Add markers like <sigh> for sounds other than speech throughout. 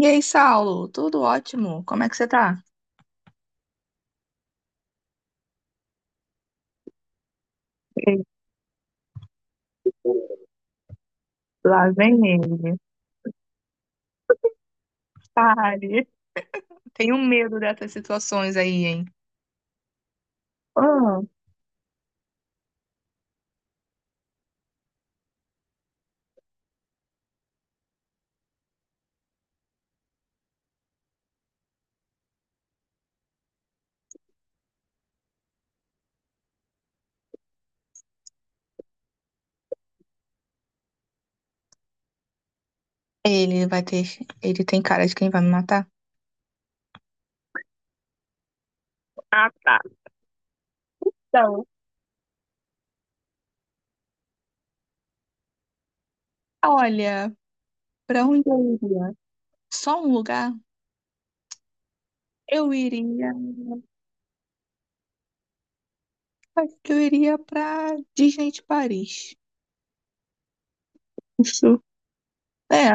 E aí, Saulo, tudo ótimo? Como é que você tá? Ei, lá vem ele. Pare. Tenho medo dessas situações aí, hein? Ah, ele vai ter. Ele tem cara de quem vai me matar? Ah, tá. Então, olha, pra onde eu iria? Só um lugar? Eu iria. Acho que eu iria pra Disney de Paris. Isso. É.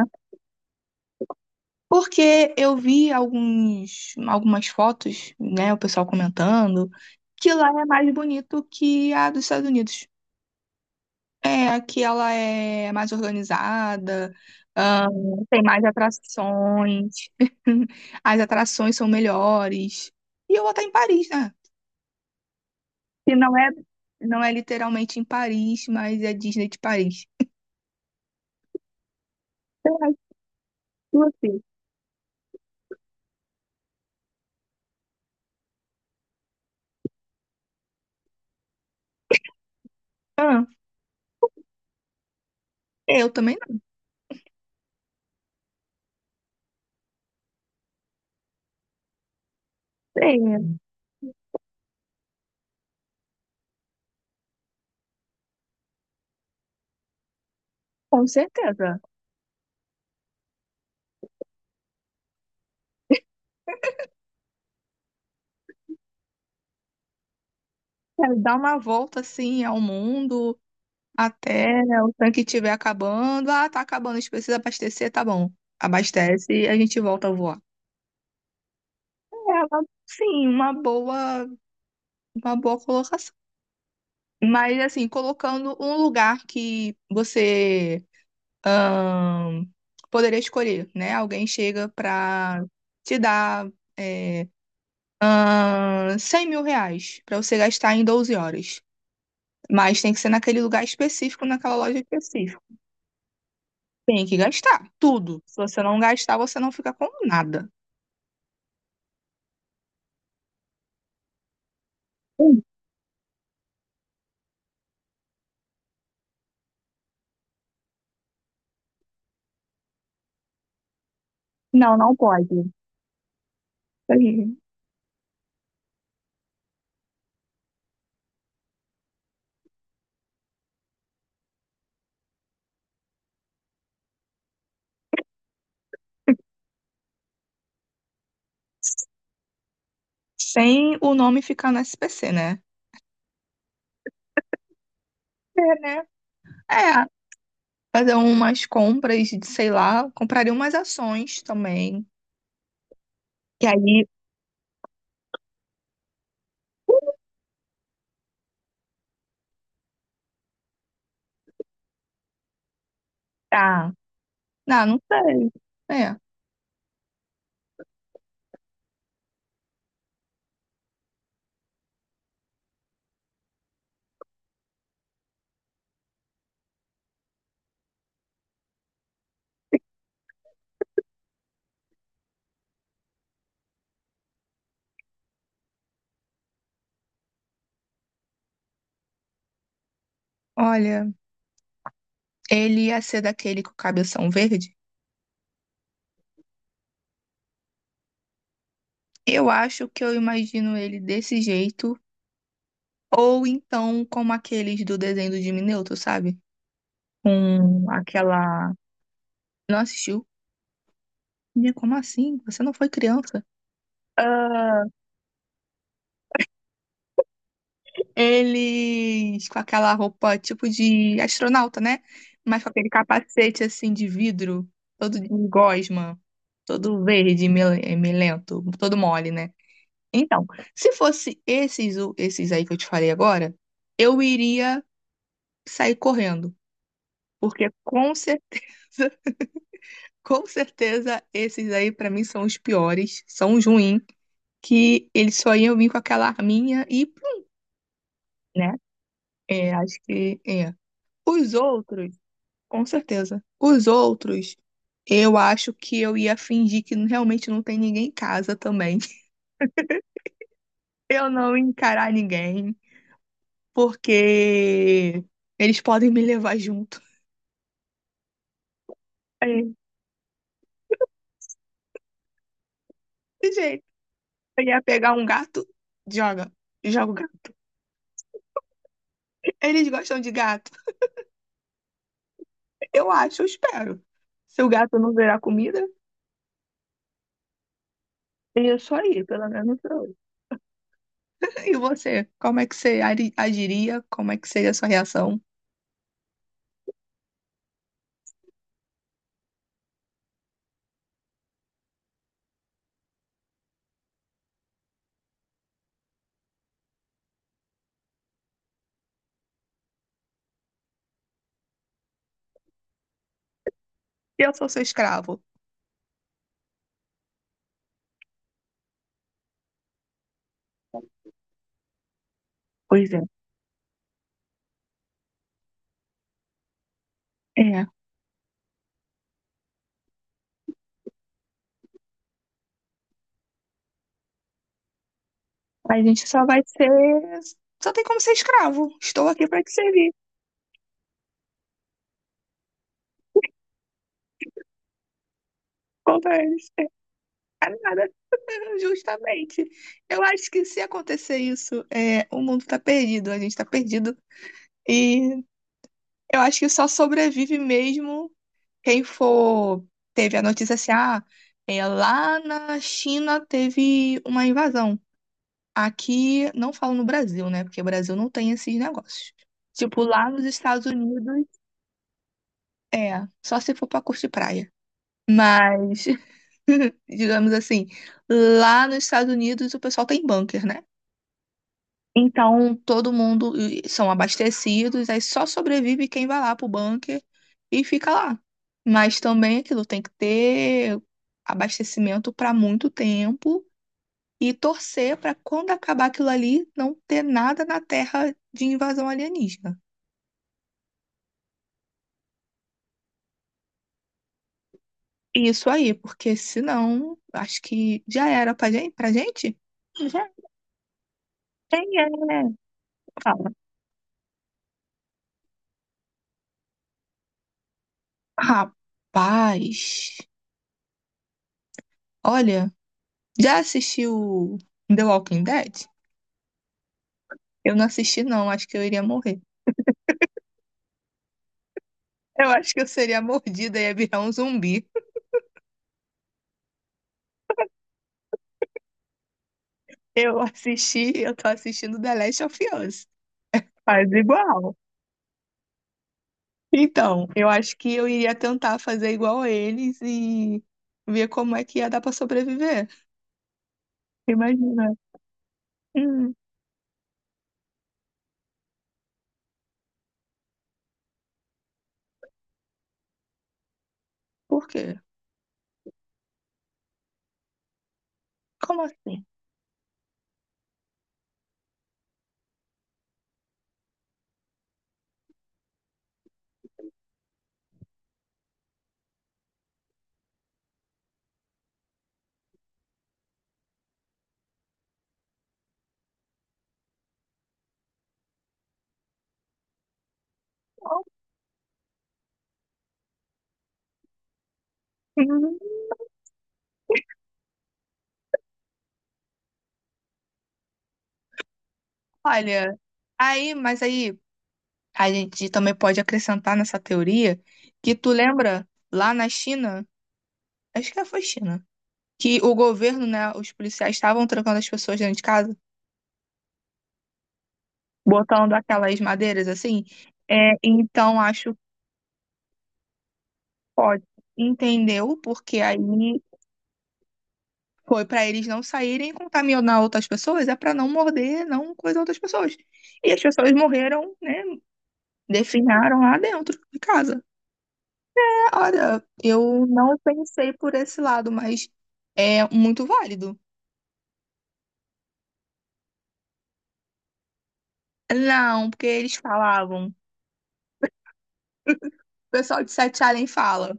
Porque eu vi algumas fotos, né, o pessoal comentando, que lá é mais bonito que a dos Estados Unidos. É, que ela é mais organizada, tem mais atrações, <laughs> as atrações são melhores. E eu vou estar em Paris, né? Que não é literalmente em Paris, mas é Disney de Paris. Eu acho que você- Ah, eu também não sei, com certeza. Quero dar uma volta assim ao mundo. Até o tanque estiver acabando. Ah, tá acabando, a gente precisa abastecer, tá bom. Abastece e a gente volta a voar. É, sim, uma boa colocação. Mas assim, colocando um lugar que você ahn, poderia escolher, né? Alguém chega pra te dar é, 100 mil reais pra você gastar em 12 horas. Mas tem que ser naquele lugar específico, naquela loja específica. Tem que gastar tudo. Se você não gastar, você não fica com nada. Hum, Não, não pode. Isso. Aí. Sem o nome ficar no SPC, né? É, né? É, fazer umas compras, sei lá, compraria umas ações também. E aí, tá, não, não sei. É, olha, ele ia ser daquele com o cabeção verde? Eu acho que eu imagino ele desse jeito, ou então como aqueles do desenho do Jimmy Neutron, sabe? Com aquela. Não assistiu? Minha, como assim? Você não foi criança? Ah, eles com aquela roupa tipo de astronauta, né? Mas com aquele capacete assim de vidro, todo de gosma, todo verde, melento, todo mole, né? Então, se fosse esses, esses aí que eu te falei agora, eu iria sair correndo, porque com certeza, <laughs> com certeza esses aí pra mim são os piores, são os ruins, que eles só iam vir com aquela arminha e, né? É, acho que é. Os outros, com certeza. Os outros, eu acho que eu ia fingir que realmente não tem ninguém em casa também. <laughs> Eu não ia encarar ninguém, porque eles podem me levar junto. É, de jeito. Eu ia pegar um gato, joga, joga o gato. Eles gostam de gato. Eu acho, eu espero. Se o gato não virar comida, isso aí, pelo menos eu. E você? Como é que você agiria? Como é que seria a sua reação? Eu sou seu escravo. Pois é. É. A gente só vai ser. Só tem como ser escravo. Estou aqui para te servir. Contra eles. É nada. <laughs> Justamente. Eu acho que se acontecer isso, o mundo tá perdido. A gente tá perdido. E eu acho que só sobrevive mesmo quem for. Teve a notícia assim, ah, lá na China teve uma invasão. Aqui, não falo no Brasil, né? Porque o Brasil não tem esses negócios. Tipo, lá nos Estados Unidos. É, só se for pra curtir praia. Mas, <laughs> digamos assim, lá nos Estados Unidos o pessoal tem bunker, né? Então, todo mundo e são abastecidos, aí só sobrevive quem vai lá pro bunker e fica lá. Mas também aquilo tem que ter abastecimento para muito tempo e torcer para quando acabar aquilo ali não ter nada na terra de invasão alienígena. Isso aí, porque senão acho que já era pra gente, pra gente? Quem é? Fala. Rapaz, olha, já assistiu The Walking Dead? Eu não assisti, não, acho que eu iria morrer. Eu acho que eu seria mordida e ia virar um zumbi. Eu assisti, eu tô assistindo The Last of Us. Faz igual. Então, eu acho que eu iria tentar fazer igual a eles e ver como é que ia dar pra sobreviver. Imagina. Hum, por quê? Como assim? Hum, Olha, aí, mas aí. A gente também pode acrescentar nessa teoria que tu lembra lá na China, acho que foi China, que o governo, né, os policiais estavam trancando as pessoas dentro de casa, botando aquelas madeiras assim. É, então acho que pode. Entendeu? Porque aí foi para eles não saírem e contaminar outras pessoas, é para não morder, não coisa outras pessoas. E as pessoas morreram, né, definharam lá dentro de casa. Cara, eu não pensei por esse lado, mas é muito válido. Não, porque eles falavam. O pessoal de Sete Além fala.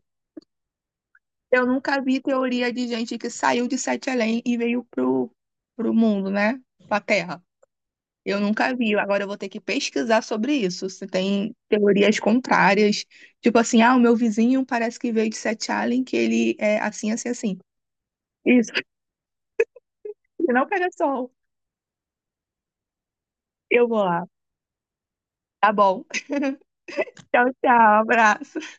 Eu nunca vi teoria de gente que saiu de Sete Além e veio pro mundo, né? Pra Terra. Eu nunca vi. Agora eu vou ter que pesquisar sobre isso. Se tem teorias contrárias. Tipo assim, ah, o meu vizinho parece que veio de Sete Além, que ele é assim, assim, assim. Isso, <laughs> não pega sol. Eu vou lá. Tá bom. <laughs> Tchau, tchau. Abraço.